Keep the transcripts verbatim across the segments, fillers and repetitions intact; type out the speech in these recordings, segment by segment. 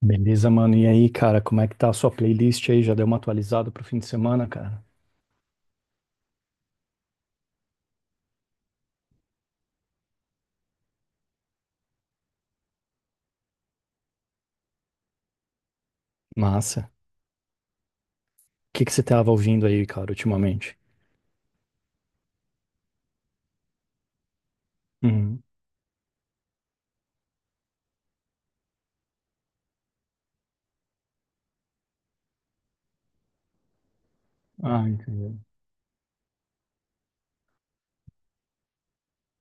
Beleza, mano. E aí, cara, como é que tá a sua playlist aí? Já deu uma atualizada pro fim de semana, cara? Massa. O que que você tava ouvindo aí, cara, ultimamente? Uhum. Ah, entendi.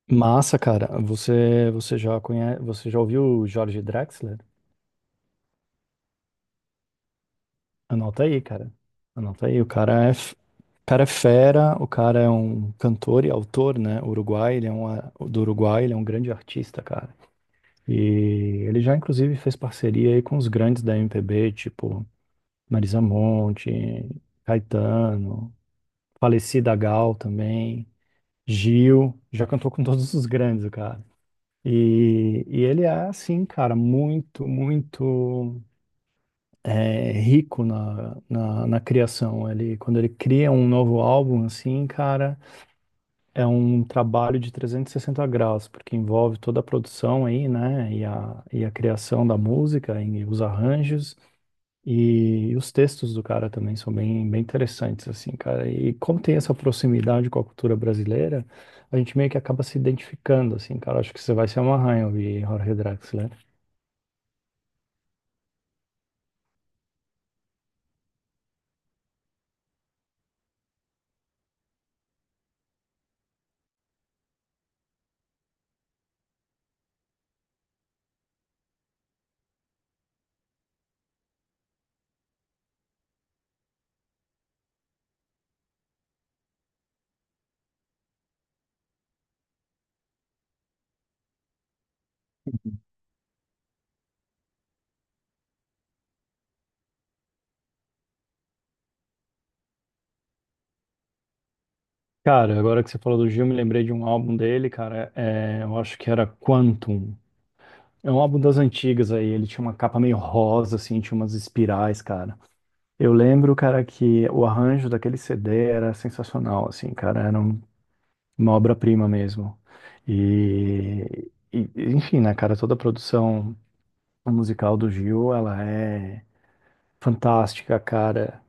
Massa, cara. Você, você já conhece, você já ouviu o Jorge Drexler? Anota aí, cara. Anota aí. O cara é, f- o cara é fera, o cara é um cantor e autor, né? Uruguai, ele é um, a- do Uruguai, ele é um grande artista, cara. E ele já, inclusive, fez parceria aí com os grandes da M P B, tipo Marisa Monte, Caetano, falecida Gal também, Gil, já cantou com todos os grandes, o cara. E, e ele é, assim, cara, muito, muito é, rico na, na, na criação. Ele, quando ele cria um novo álbum, assim, cara, é um trabalho de trezentos e sessenta graus, porque envolve toda a produção aí, né, e a, e a criação da música, e os arranjos. E os textos do cara também são bem, bem interessantes, assim, cara. E como tem essa proximidade com a cultura brasileira, a gente meio que acaba se identificando, assim, cara. Acho que você vai se amarrar em ouvir Jorge Drexler. Cara, agora que você falou do Gil, me lembrei de um álbum dele, cara. É, eu acho que era Quantum. É um álbum das antigas aí. Ele tinha uma capa meio rosa, assim, tinha umas espirais, cara. Eu lembro, cara, que o arranjo daquele C D era sensacional, assim, cara. Era um- uma obra-prima mesmo. E, e, enfim, né, cara, toda a produção musical do Gil, ela é fantástica, cara.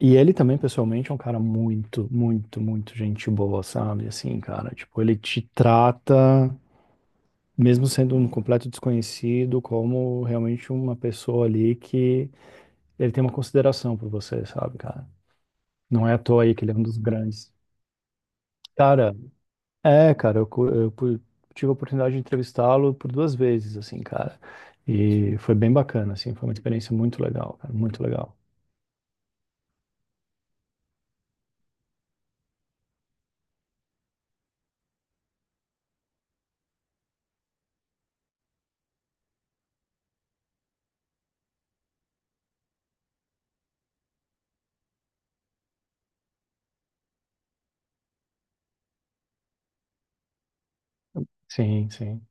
E ele também, pessoalmente, é um cara muito, muito, muito gente boa, sabe? Assim, cara, tipo, ele te trata, mesmo sendo um completo desconhecido, como realmente uma pessoa ali que ele tem uma consideração por você, sabe, cara? Não é à toa aí que ele é um dos grandes. Cara, É, cara, eu, co- eu pu- tive a oportunidade de entrevistá-lo por duas vezes, assim, cara. E foi bem bacana, assim, foi uma experiência muito legal, cara, muito legal. Sim, sim.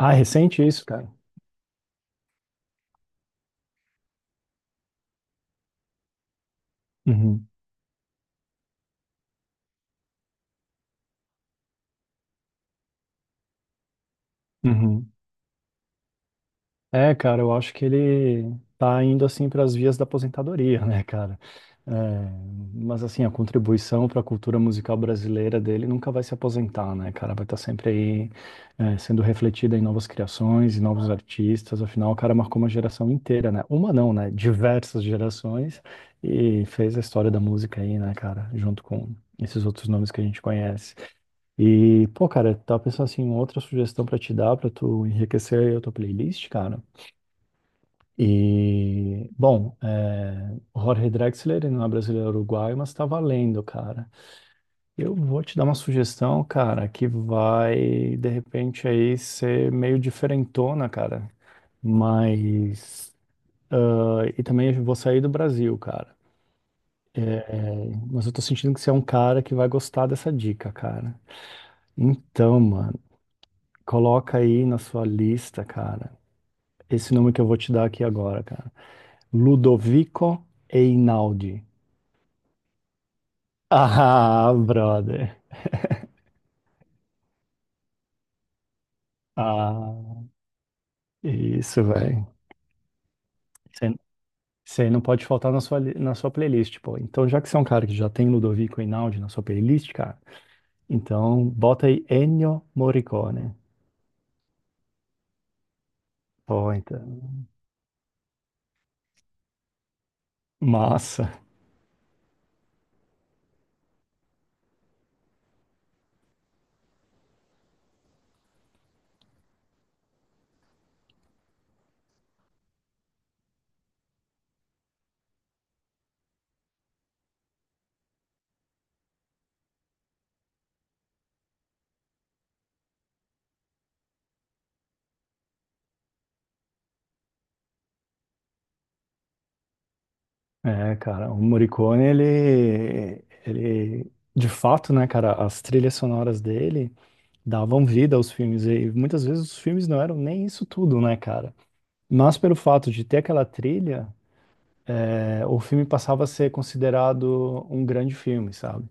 Ah, é recente isso, cara? Uhum, uhum. É, cara, eu acho que ele tá indo assim para as vias da aposentadoria, né, cara? É, mas assim, a contribuição para a cultura musical brasileira dele nunca vai se aposentar, né, cara? Vai estar sempre aí, é, sendo refletida em novas criações, em novos artistas. Afinal, o cara marcou uma geração inteira, né? Uma não, né? Diversas gerações e fez a história da música aí, né, cara? Junto com esses outros nomes que a gente conhece. E, pô, cara, tava pensando assim, outra sugestão para te dar, para tu enriquecer aí a tua playlist, cara. E, bom, é, o Jorge Drexler ele não é brasileiro, é uruguaio, mas tá valendo, cara. Eu vou te dar uma sugestão, cara, que vai, de repente, aí ser meio diferentona, cara. Mas. ah, E também eu vou sair do Brasil, cara. Mas eu tô sentindo que você é um cara que vai gostar dessa dica, cara. Então, mano, coloca aí na sua lista, cara, esse nome que eu vou te dar aqui agora, cara. Ludovico Einaudi. Ah, brother. Ah, isso, velho. Você não pode faltar na sua, li- na sua playlist, pô. Então, já que você é um cara que já tem Ludovico Einaudi na sua playlist, cara, então bota aí Ennio Morricone. Pô, então. Massa. É, cara, o Morricone, ele, ele, de fato, né, cara, as trilhas sonoras dele davam vida aos filmes e muitas vezes os filmes não eram nem isso tudo, né, cara? Mas pelo fato de ter aquela trilha, é, o filme passava a ser considerado um grande filme, sabe?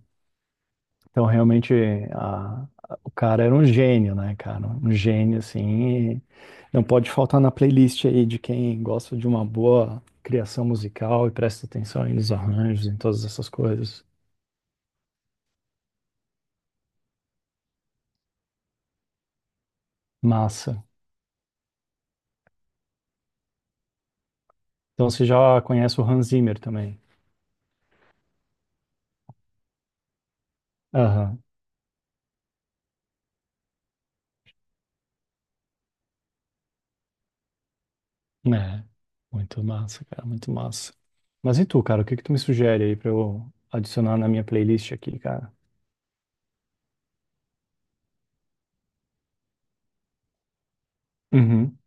Então, realmente, a- a- o cara era um gênio, né, cara? Um gênio, assim. E não pode faltar na playlist aí de quem gosta de uma boa criação musical e presta atenção aí nos arranjos, em todas essas coisas. Massa. Então, você já conhece o Hans Zimmer também? Aham. Né? Muito massa, cara, muito massa. Mas e tu, cara? O que que tu me sugere aí pra eu adicionar na minha playlist aqui, cara? Uhum.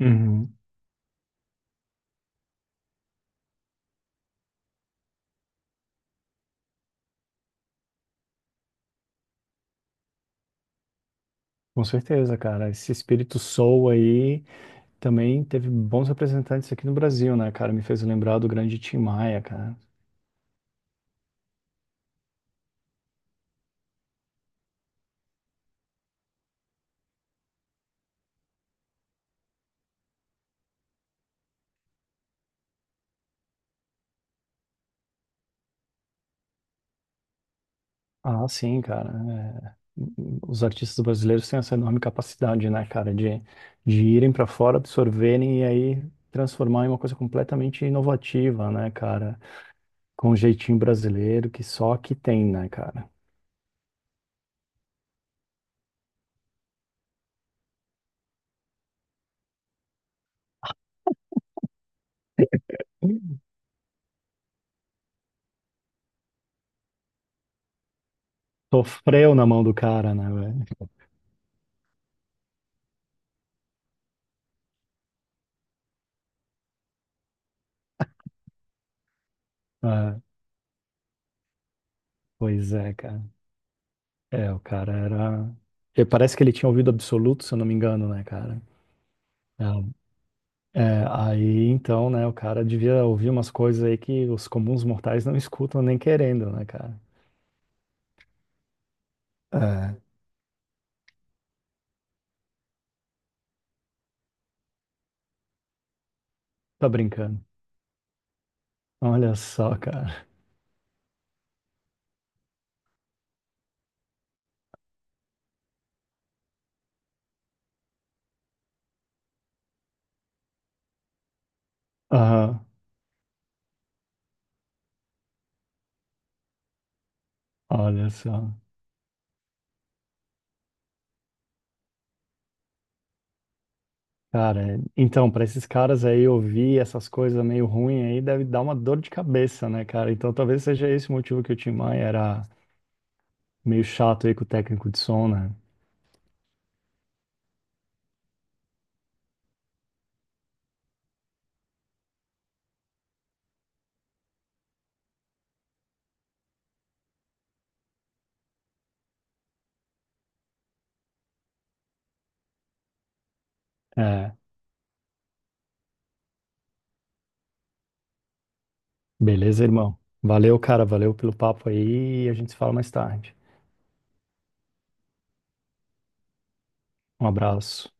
Uhum. Com certeza, cara. Esse espírito soul aí também teve bons representantes aqui no Brasil, né, cara? Me fez lembrar do grande Tim Maia, cara. Ah, sim, cara. É, Os artistas brasileiros têm essa enorme capacidade, né, cara, de, de irem para fora, absorverem e aí transformar em uma coisa completamente inovativa, né, cara? Com um jeitinho brasileiro que só aqui tem, né, cara? Sofreu na mão do cara, né, velho? Ah, pois é, cara. É, o cara era. e Parece que ele tinha ouvido absoluto, se eu não me engano, né, cara? É, é, aí então, né, o cara devia ouvir umas coisas aí que os comuns mortais não escutam nem querendo, né, cara? É, tá brincando. Olha só, cara. Aham, olha só. Cara, é, então, pra esses caras aí ouvir essas coisas meio ruins aí deve dar uma dor de cabeça, né, cara? Então talvez seja esse o motivo que o Tim Maia era meio chato aí com o técnico de som, né? É. Beleza, irmão? Valeu, cara. Valeu pelo papo aí. A gente se fala mais tarde. Um abraço.